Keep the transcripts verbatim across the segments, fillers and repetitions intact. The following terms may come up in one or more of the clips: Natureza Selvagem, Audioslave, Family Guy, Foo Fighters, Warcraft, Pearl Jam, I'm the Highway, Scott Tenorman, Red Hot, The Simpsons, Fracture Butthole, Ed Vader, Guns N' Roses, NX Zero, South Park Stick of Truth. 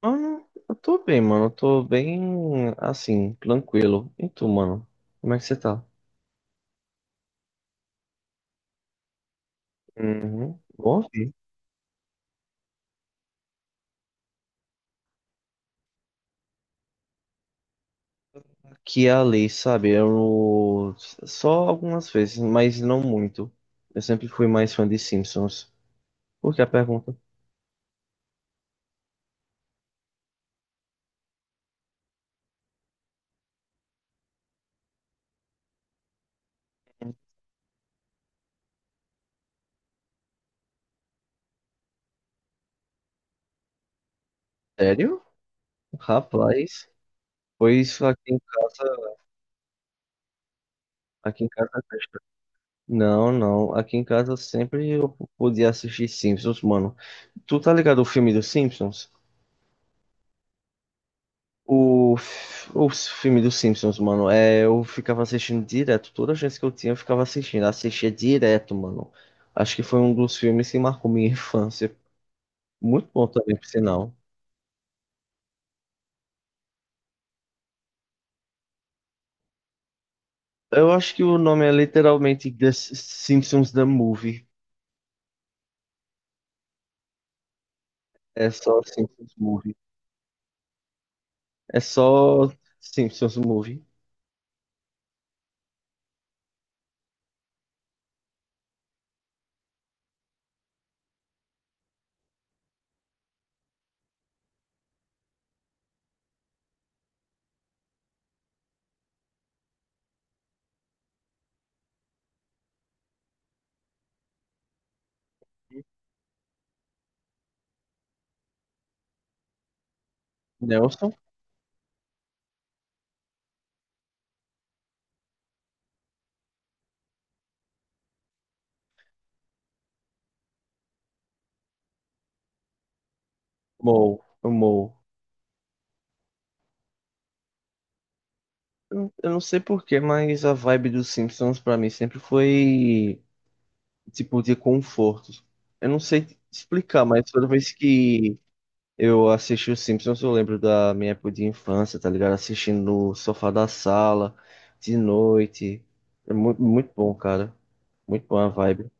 Mano, eu tô bem, mano. Eu tô bem, assim, tranquilo. E tu, mano? Como é que você tá? Uhum. Bom ouvir. Aqui e ali, sabe? Eu só algumas vezes, mas não muito. Eu sempre fui mais fã de Simpsons. Por que a pergunta? Sério? Rapaz, pois aqui em casa, aqui em casa, não, não. Aqui em casa sempre eu podia assistir Simpsons, mano. Tu tá ligado ao filme dos Simpsons? O, f- o filme dos Simpsons, mano, é, eu ficava assistindo direto. Toda chance que eu tinha, eu ficava assistindo. Assistia direto, mano. Acho que foi um dos filmes que marcou minha infância. Muito bom também, por sinal. Eu acho que o nome é literalmente The S- Simpsons The Movie. É só Simpsons Movie. É só Simpsons Movie. Nelson? Moe. Moe. Eu não eu não sei porquê, mas a vibe dos Simpsons pra mim sempre foi tipo de conforto. Eu não sei te explicar, mas toda vez que eu assisti os Simpsons, eu lembro da minha época de infância, tá ligado? Assistindo no sofá da sala, de noite. É muito, muito bom, cara. Muito boa a vibe.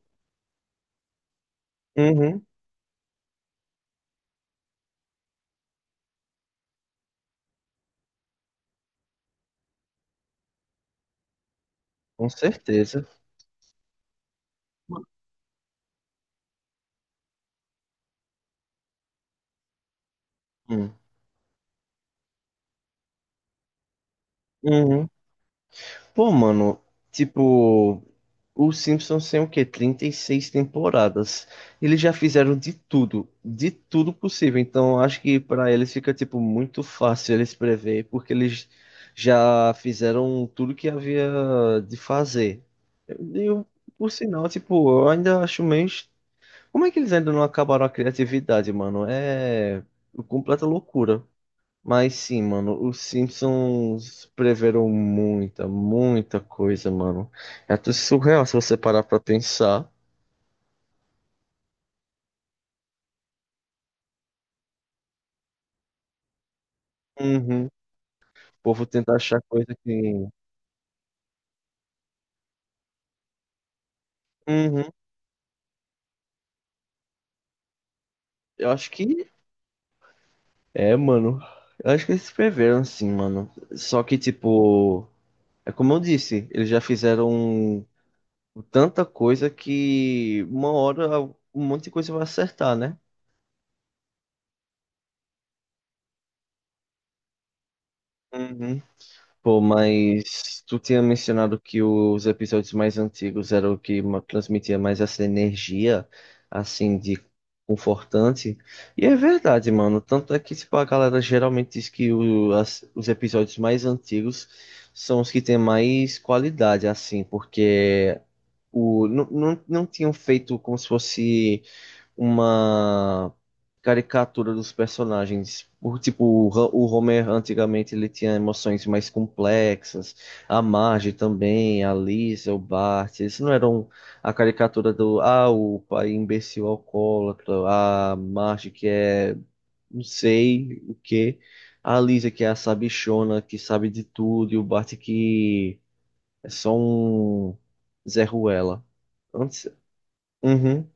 Uhum, com certeza. Hum. Uhum. Pô, mano, tipo, os Simpsons têm o quê? Trinta e seis temporadas. Eles já fizeram de tudo, de tudo possível. Então acho que para eles fica tipo muito fácil eles prever, porque eles já fizeram tudo que havia de fazer. E eu, por sinal, tipo, eu ainda acho meio. est- Como é que eles ainda não acabaram a criatividade, mano? É é completa loucura. Mas sim, mano, os Simpsons preveram muita, muita coisa, mano. É até surreal se você parar pra pensar. Uhum. O povo tenta achar coisa que. Uhum. Eu acho que. É, mano. Eu acho que eles preveram sim, mano. Só que, tipo. É como eu disse, eles já fizeram tanta coisa que uma hora um monte de coisa vai acertar, né? Uhum. Pô, mas tu tinha mencionado que os episódios mais antigos eram o que ma- transmitia mais essa energia, assim, de confortante. E é verdade, mano. Tanto é que, tipo, a galera geralmente diz que o- as- os episódios mais antigos são os que têm mais qualidade, assim, porque o, não, não, não tinham feito como se fosse uma caricatura dos personagens. O, tipo, o Ho- o Homer antigamente ele tinha emoções mais complexas, a Marge também, a Lisa, o Bart, eles não eram a caricatura do, ah, o pai imbecil alcoólatra, "Ah, a Marge que é não sei o quê, a Lisa que é a sabichona, que sabe de tudo, e o Bart que é só um Zé Ruela. Antes... Uhum,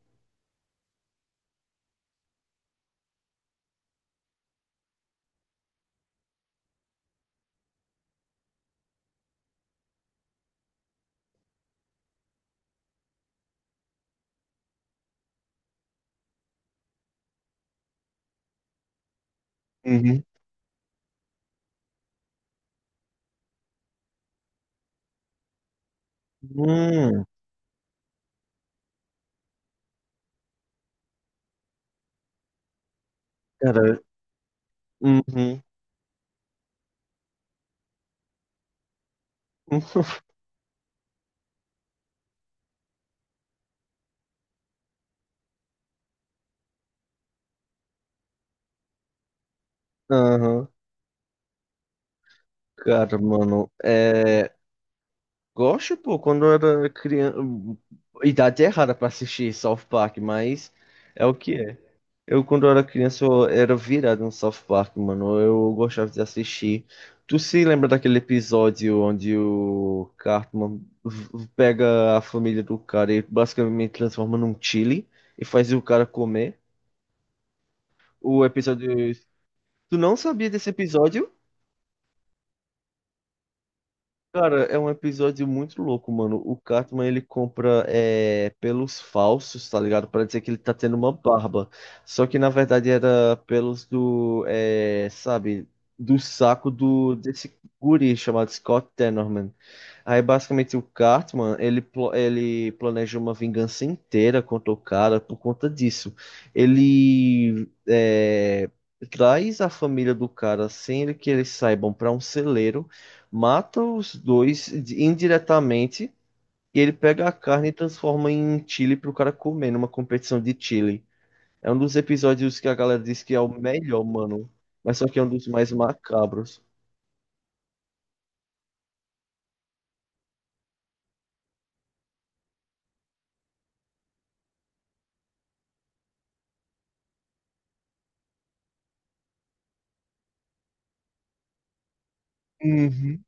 uhum. Hum, cara, Uhum. Aham. Cara, mano, é... Gosto, pô, quando eu era criança... Idade errada pra assistir South Park, mas é o que é. Eu, quando eu era criança, eu era virado no South Park, mano. Eu gostava de assistir. Tu se lembra daquele episódio onde o Cartman v- pega a família do cara e basicamente transforma num chili e faz o cara comer? O episódio... Tu não sabia desse episódio? Cara, é um episódio muito louco, mano. O Cartman, ele compra é, pelos falsos, tá ligado? Pra dizer que ele tá tendo uma barba. Só que, na verdade, era pelos do, é, sabe, do saco do desse guri chamado Scott Tenorman. Aí basicamente o Cartman, ele, plo- ele planeja uma vingança inteira contra o cara por conta disso. Ele é, traz a família do cara sem ele que eles saibam para um celeiro, mata os dois de- indiretamente e ele pega a carne e transforma em chili pro cara comer numa competição de chili. É um dos episódios que a galera diz que é o melhor, mano, mas só que é um dos mais macabros. Uhum.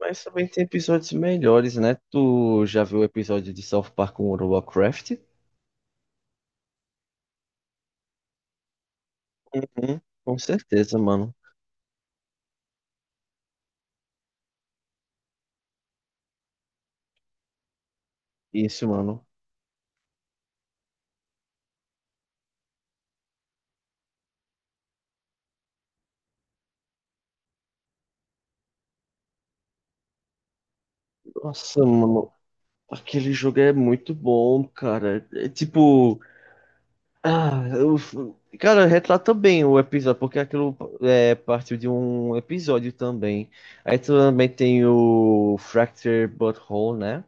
Mas também tem episódios melhores, né? Tu já viu o episódio de South Park com o Warcraft? Uhum, com certeza, mano. Isso, mano. Nossa, mano. Aquele jogo é muito bom, cara. É tipo. Ah, eu... Cara, retrata bem o episódio, porque aquilo é, partiu de um episódio também. Aí também tem o Fracture Butthole, né?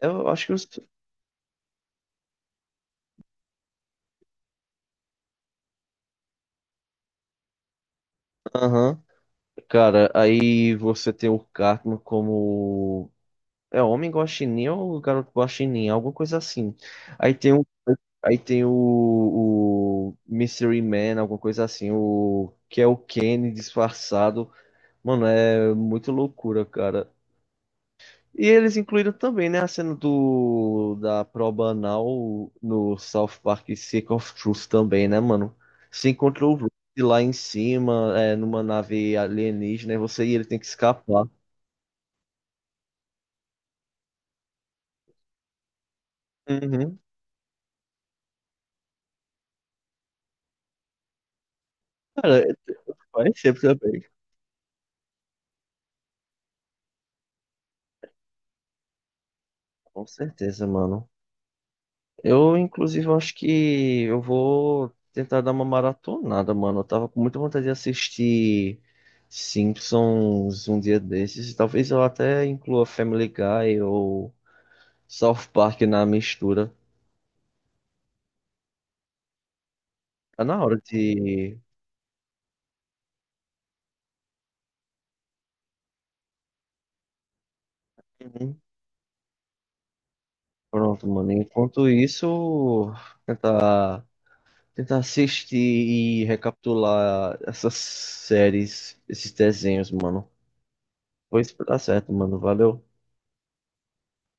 Eu acho que os. Aham. Cara, aí você tem o Cartman como é Homem Guaxinim ou Garoto Guaxinim, alguma coisa assim. Aí tem o, aí tem o, o Mystery Man, alguma coisa assim, o que é o Kenny disfarçado. Mano, é muito loucura, cara. E eles incluíram também, né, a cena do da prova anal no South Park Stick of Truth também, né, mano? Se encontrou o Rick lá em cima, é, numa nave alienígena, e você e ele tem que escapar. Uhum. Cara, faz sempre também. Com certeza, mano. Eu, inclusive, eu acho que eu vou tentar dar uma maratonada, mano. Eu tava com muita vontade de assistir Simpsons um dia desses. Talvez eu até inclua Family Guy ou South Park na mistura. Tá na hora de. Uhum. Pronto, mano. Enquanto isso, tentar, tentar assistir e recapitular essas séries, esses desenhos, mano. Pois tá certo, mano. Valeu.